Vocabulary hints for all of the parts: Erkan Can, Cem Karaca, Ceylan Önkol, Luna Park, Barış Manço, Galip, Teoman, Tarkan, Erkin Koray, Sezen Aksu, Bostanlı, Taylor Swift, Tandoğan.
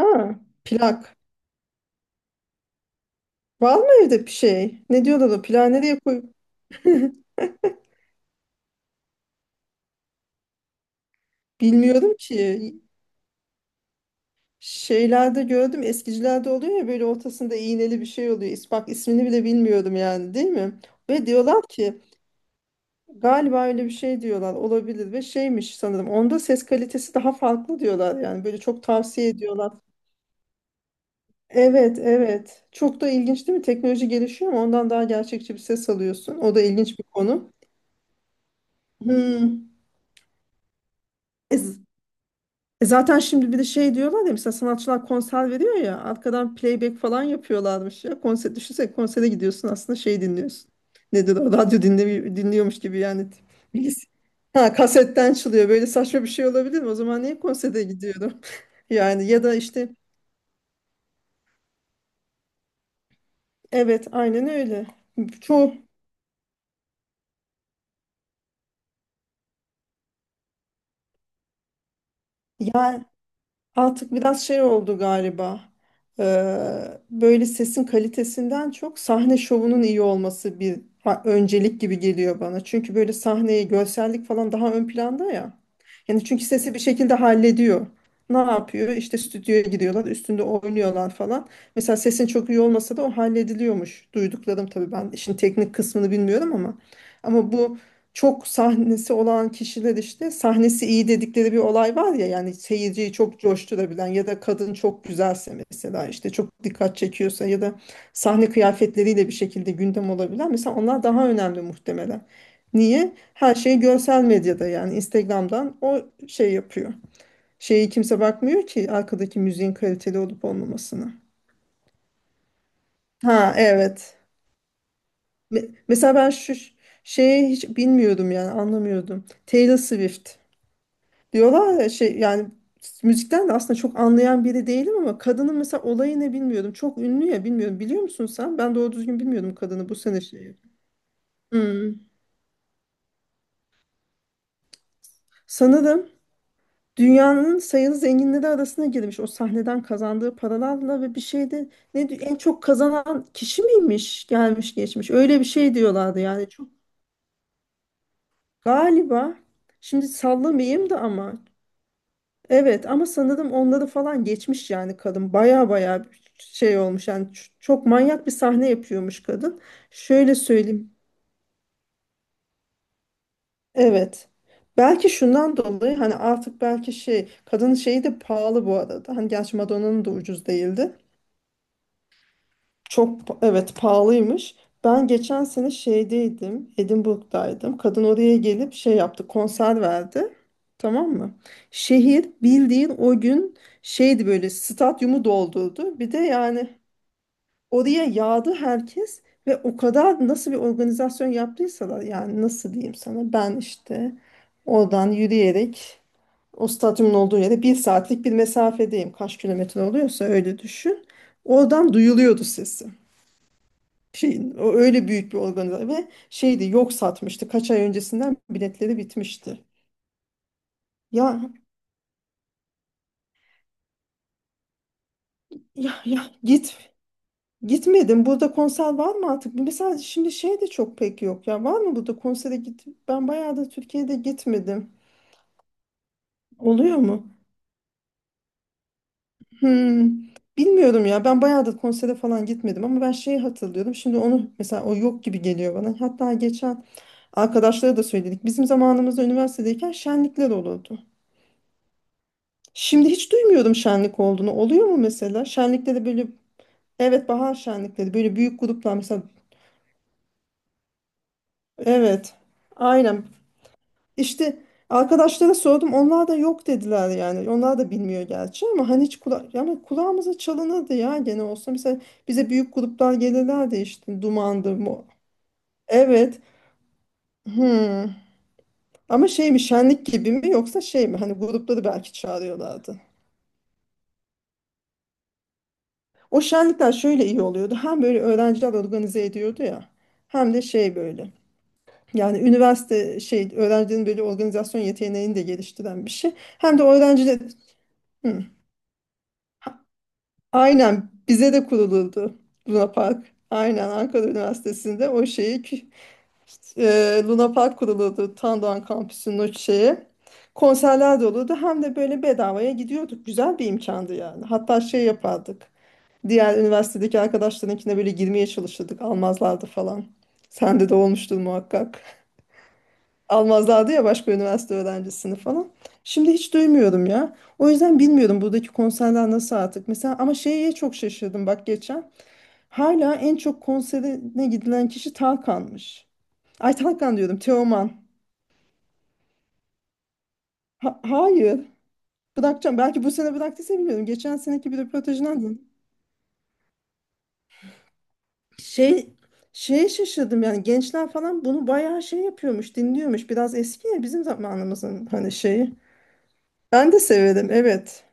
Aa, plak. Var mı evde bir şey? Ne diyorlar, o plağı nereye koy? Bilmiyorum ki. Şeylerde gördüm, eskicilerde oluyor ya, böyle ortasında iğneli bir şey oluyor. Bak, ismini bile bilmiyorum yani, değil mi? Ve diyorlar ki galiba öyle bir şey, diyorlar olabilir ve şeymiş sanırım. Onda ses kalitesi daha farklı diyorlar, yani böyle çok tavsiye ediyorlar. Evet evet, çok da ilginç değil mi? Teknoloji gelişiyor ama ondan daha gerçekçi bir ses alıyorsun. O da ilginç bir konu. Hmm. E zaten şimdi bir de şey diyorlar ya, mesela sanatçılar konser veriyor ya, arkadan playback falan yapıyorlarmış ya. Konser düşünsene, konsere gidiyorsun aslında şey dinliyorsun. Nedir o, radyo dinliyormuş gibi yani. Bilgis- Ha, kasetten çalıyor, böyle saçma bir şey olabilir mi? O zaman niye konsere gidiyorum? Yani ya da işte evet, aynen öyle. Çoğu ya. Artık biraz şey oldu galiba. Böyle sesin kalitesinden çok, sahne şovunun iyi olması bir öncelik gibi geliyor bana. Çünkü böyle sahneye görsellik falan daha ön planda ya. Yani çünkü sesi bir şekilde hallediyor. Ne yapıyor? İşte stüdyoya gidiyorlar, üstünde oynuyorlar falan. Mesela sesin çok iyi olmasa da o hallediliyormuş. Duyduklarım tabii, ben işin teknik kısmını bilmiyorum ama bu çok sahnesi olan kişiler, işte sahnesi iyi dedikleri bir olay var ya, yani seyirciyi çok coşturabilen ya da kadın çok güzelse mesela, işte çok dikkat çekiyorsa ya da sahne kıyafetleriyle bir şekilde gündem olabilen, mesela onlar daha önemli muhtemelen. Niye? Her şey görsel medyada, yani Instagram'dan o şey yapıyor. Şeyi kimse bakmıyor ki arkadaki müziğin kaliteli olup olmamasına. Ha, evet. Mesela ben şu şeyi hiç bilmiyordum, yani anlamıyordum. Taylor Swift. Diyorlar ya şey, yani müzikten de aslında çok anlayan biri değilim ama kadının mesela olayını bilmiyordum. Çok ünlü ya, bilmiyorum. Biliyor musun sen? Ben doğru düzgün bilmiyordum kadını bu sene şeyi. Hmm. Sanırım dünyanın sayılı zenginleri arasına girmiş, o sahneden kazandığı paralarla, ve bir şeyde en çok kazanan kişi miymiş, gelmiş geçmiş, öyle bir şey diyorlardı yani. Çok galiba, şimdi sallamayayım da ama evet, ama sanırım onları falan geçmiş yani kadın. Baya baya şey olmuş yani, çok manyak bir sahne yapıyormuş kadın. Şöyle söyleyeyim. Evet. Belki şundan dolayı, hani artık belki şey, kadının şeyi de pahalı bu arada. Hani gerçi Madonna'nın da ucuz değildi. Çok evet, pahalıymış. Ben geçen sene şeydeydim, Edinburgh'daydım. Kadın oraya gelip şey yaptı, konser verdi. Tamam mı? Şehir bildiğin o gün şeydi, böyle stadyumu doldurdu. Bir de yani oraya yağdı herkes ve o kadar nasıl bir organizasyon yaptıysalar, yani nasıl diyeyim sana, ben işte oradan yürüyerek o stadyumun olduğu yere bir saatlik bir mesafedeyim. Kaç kilometre oluyorsa öyle düşün. Oradan duyuluyordu sesi şeyin, o öyle büyük bir organizasyon ve şeydi, yok satmıştı, kaç ay öncesinden biletleri bitmişti. Ya ya, gitmedim burada konser var mı artık? Mesela şimdi şey de çok pek yok ya, var mı burada konsere git? Ben bayağı da Türkiye'de gitmedim. Oluyor mu? Hmm, Bilmiyorum ya, ben bayağı da konsere falan gitmedim ama ben şeyi hatırlıyorum. Şimdi onu mesela, o yok gibi geliyor bana. Hatta geçen arkadaşlara da söyledik, bizim zamanımızda üniversitedeyken şenlikler olurdu. Şimdi hiç duymuyordum şenlik olduğunu. Oluyor mu mesela? Şenlikte de böyle evet, bahar şenlikleri, böyle büyük gruplar mesela, evet aynen, işte arkadaşlara sordum, onlar da yok dediler yani, onlar da bilmiyor gerçi ama hani hiç kula, yani kulağımıza çalınırdı ya, gene olsa mesela bize büyük gruplar gelirlerdi, işte dumandı mı evet. Hmm. Ama şey mi, şenlik gibi mi, yoksa şey mi, hani grupları belki çağırıyorlardı. O şenlikler şöyle iyi oluyordu. Hem böyle öğrenciler organize ediyordu ya. Hem de şey böyle. Yani üniversite şey, öğrencilerin böyle organizasyon yeteneğini de geliştiren bir şey. Hem de öğrenciler. Hı. Aynen bize de kurulurdu Luna Park. Aynen Ankara Üniversitesi'nde o şeyi Luna Park kurulurdu. Tandoğan kampüsünün o şeyi. Konserler de olurdu. Hem de böyle bedavaya gidiyorduk. Güzel bir imkandı yani. Hatta şey yapardık. Diğer üniversitedeki arkadaşlarınkine böyle girmeye çalışırdık. Almazlardı falan. Sende de olmuştur muhakkak. Almazlardı ya, başka üniversite öğrencisini falan. Şimdi hiç duymuyorum ya. O yüzden bilmiyorum buradaki konserler nasıl artık. Mesela ama şeye çok şaşırdım, bak geçen. Hala en çok konserine gidilen kişi Tarkan'mış. Ay, Tarkan diyorum, Teoman. Hayır. Bırakacağım. Belki bu sene bıraktıysa bilmiyorum. Geçen seneki bir röportajından. Şey Şeye şaşırdım yani, gençler falan bunu bayağı şey yapıyormuş, dinliyormuş. Biraz eski ya, bizim zamanımızın hani şeyi. Ben de severim evet.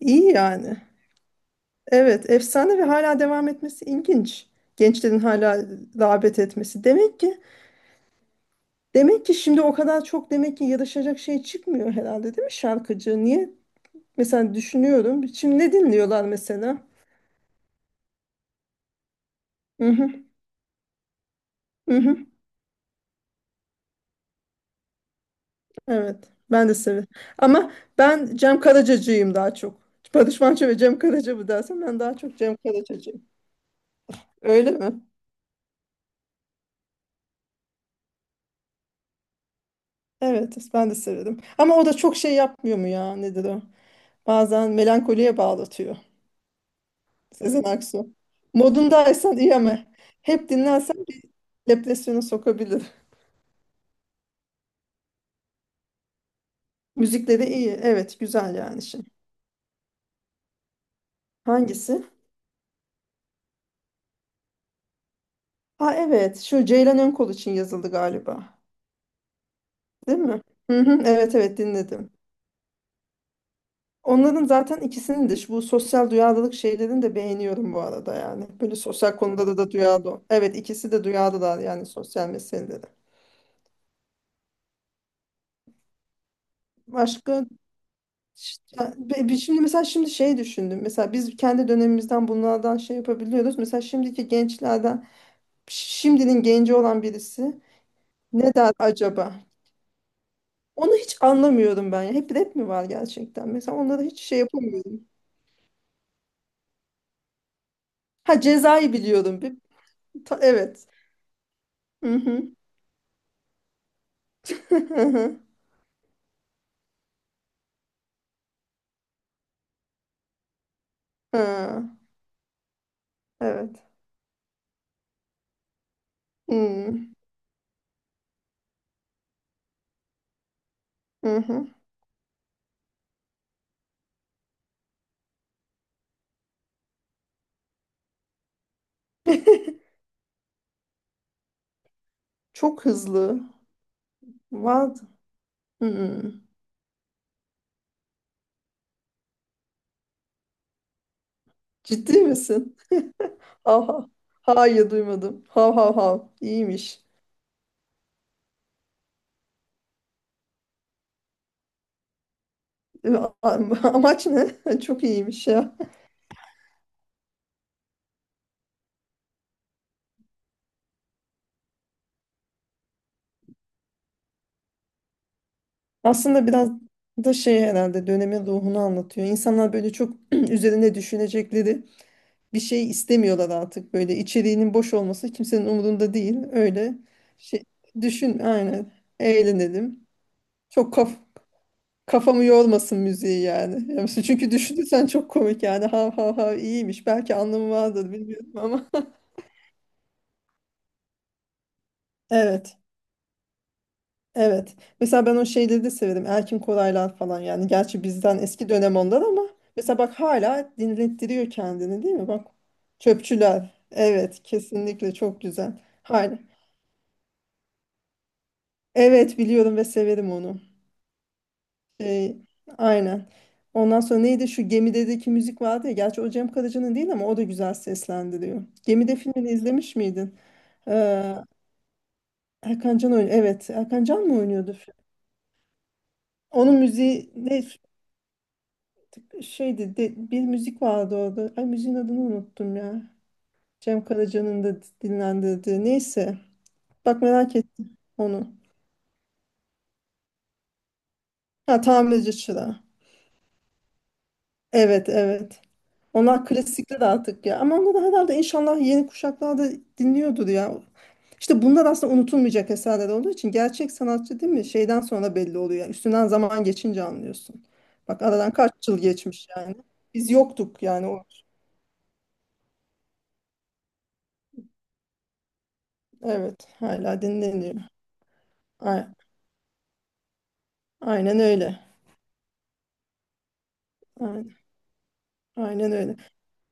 İyi yani. Evet, efsane ve hala devam etmesi ilginç. Gençlerin hala rağbet etmesi. Demek ki şimdi o kadar çok, demek ki yarışacak şey çıkmıyor herhalde, değil mi şarkıcı? Niye? Mesela düşünüyorum. Şimdi ne dinliyorlar mesela? Hı hı. Hı hı. Evet. Ben de severim. Ama ben Cem Karaca'cıyım daha çok. Barış Manço ve Cem Karaca mı dersen, ben daha çok Cem Karaca'cıyım. Öyle mi? Evet, ben de severim. Ama o da çok şey yapmıyor mu ya? Nedir o? Bazen melankoliye bağlatıyor. Sezen Aksu. Modundaysan iyi ama hep dinlersen bir depresyona sokabilir. Müzikleri iyi. Evet, güzel yani şimdi. Hangisi? Ha evet, şu Ceylan Önkol için yazıldı galiba. Değil mi? Hı hı, evet evet dinledim. Onların zaten ikisinin de bu sosyal duyarlılık şeylerini de beğeniyorum bu arada yani. Böyle sosyal konuda da duyarlı. Evet, ikisi de duyarlılar yani sosyal meselelere. Başka işte, şimdi mesela, şimdi şey düşündüm. Mesela biz kendi dönemimizden bunlardan şey yapabiliyoruz. Mesela şimdiki gençlerden, şimdinin genci olan birisi ne der acaba? Onu hiç anlamıyorum ben ya. Hep rap mi var gerçekten? Mesela onlara hiç şey yapamıyorum. Ha, Cezayı biliyorum. Bir, evet. Hı hı. Hı hı. Ha. Evet. Hmm. Hı hı. Çok hızlı. What? Hmm. Ciddi misin? Aha. Hayır, duymadım. Hav hav hav. İyiymiş. A- a- Amaç ne? Çok iyiymiş ya. Aslında biraz da şey herhalde, dönemin ruhunu anlatıyor. İnsanlar böyle çok üzerine düşünecekleri bir şey istemiyorlar artık. Böyle içeriğinin boş olması kimsenin umurunda değil. Öyle şey, düşün aynen. Eğlenelim. Çok kaf Kafamı yormasın müziği yani. Ya mesela, çünkü düşünürsen çok komik yani. Hav hav hav, iyiymiş. Belki anlamı vardır, bilmiyorum ama. Evet. Evet. Mesela ben o şeyleri de severim. Erkin Koraylar falan yani. Gerçi bizden eski dönem onlar ama. Mesela bak hala dinlettiriyor kendini, değil mi? Bak. Çöpçüler. Evet. Kesinlikle çok güzel. Hala. Evet biliyorum ve severim onu. Şey, aynen. Ondan sonra neydi, şu gemideki müzik vardı ya. Gerçi o Cem Karaca'nın değil ama o da güzel seslendiriyor. Gemide filmini izlemiş miydin? Ee, Erkan Can oynuyor. Evet, Erkan Can mı oynuyordu film? Onun müziği ne şeydi? Bir müzik vardı orada. Ay, müziğin adını unuttum ya. Cem Karaca'nın da dinlendirdiği. Neyse. Bak, merak ettim onu. Ha, tamirci çırağı. Evet evet. Onlar klasikler artık ya. Ama onları herhalde inşallah yeni kuşaklar da dinliyordur ya. İşte bunlar aslında unutulmayacak eserler olduğu için gerçek sanatçı, değil mi? Şeyden sonra belli oluyor yani. Üstünden zaman geçince anlıyorsun. Bak aradan kaç yıl geçmiş yani. Biz yoktuk yani. Evet, hala dinleniyor. A- Aynen öyle. Aynen, aynen öyle.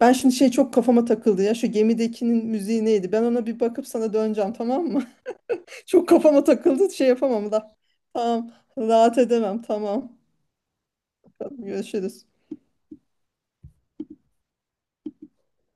Ben şimdi şey çok kafama takıldı ya. Şu gemidekinin müziği neydi? Ben ona bir bakıp sana döneceğim, tamam mı? Çok kafama takıldı, şey yapamam da. Tamam, rahat edemem, tamam. Tamam, görüşürüz.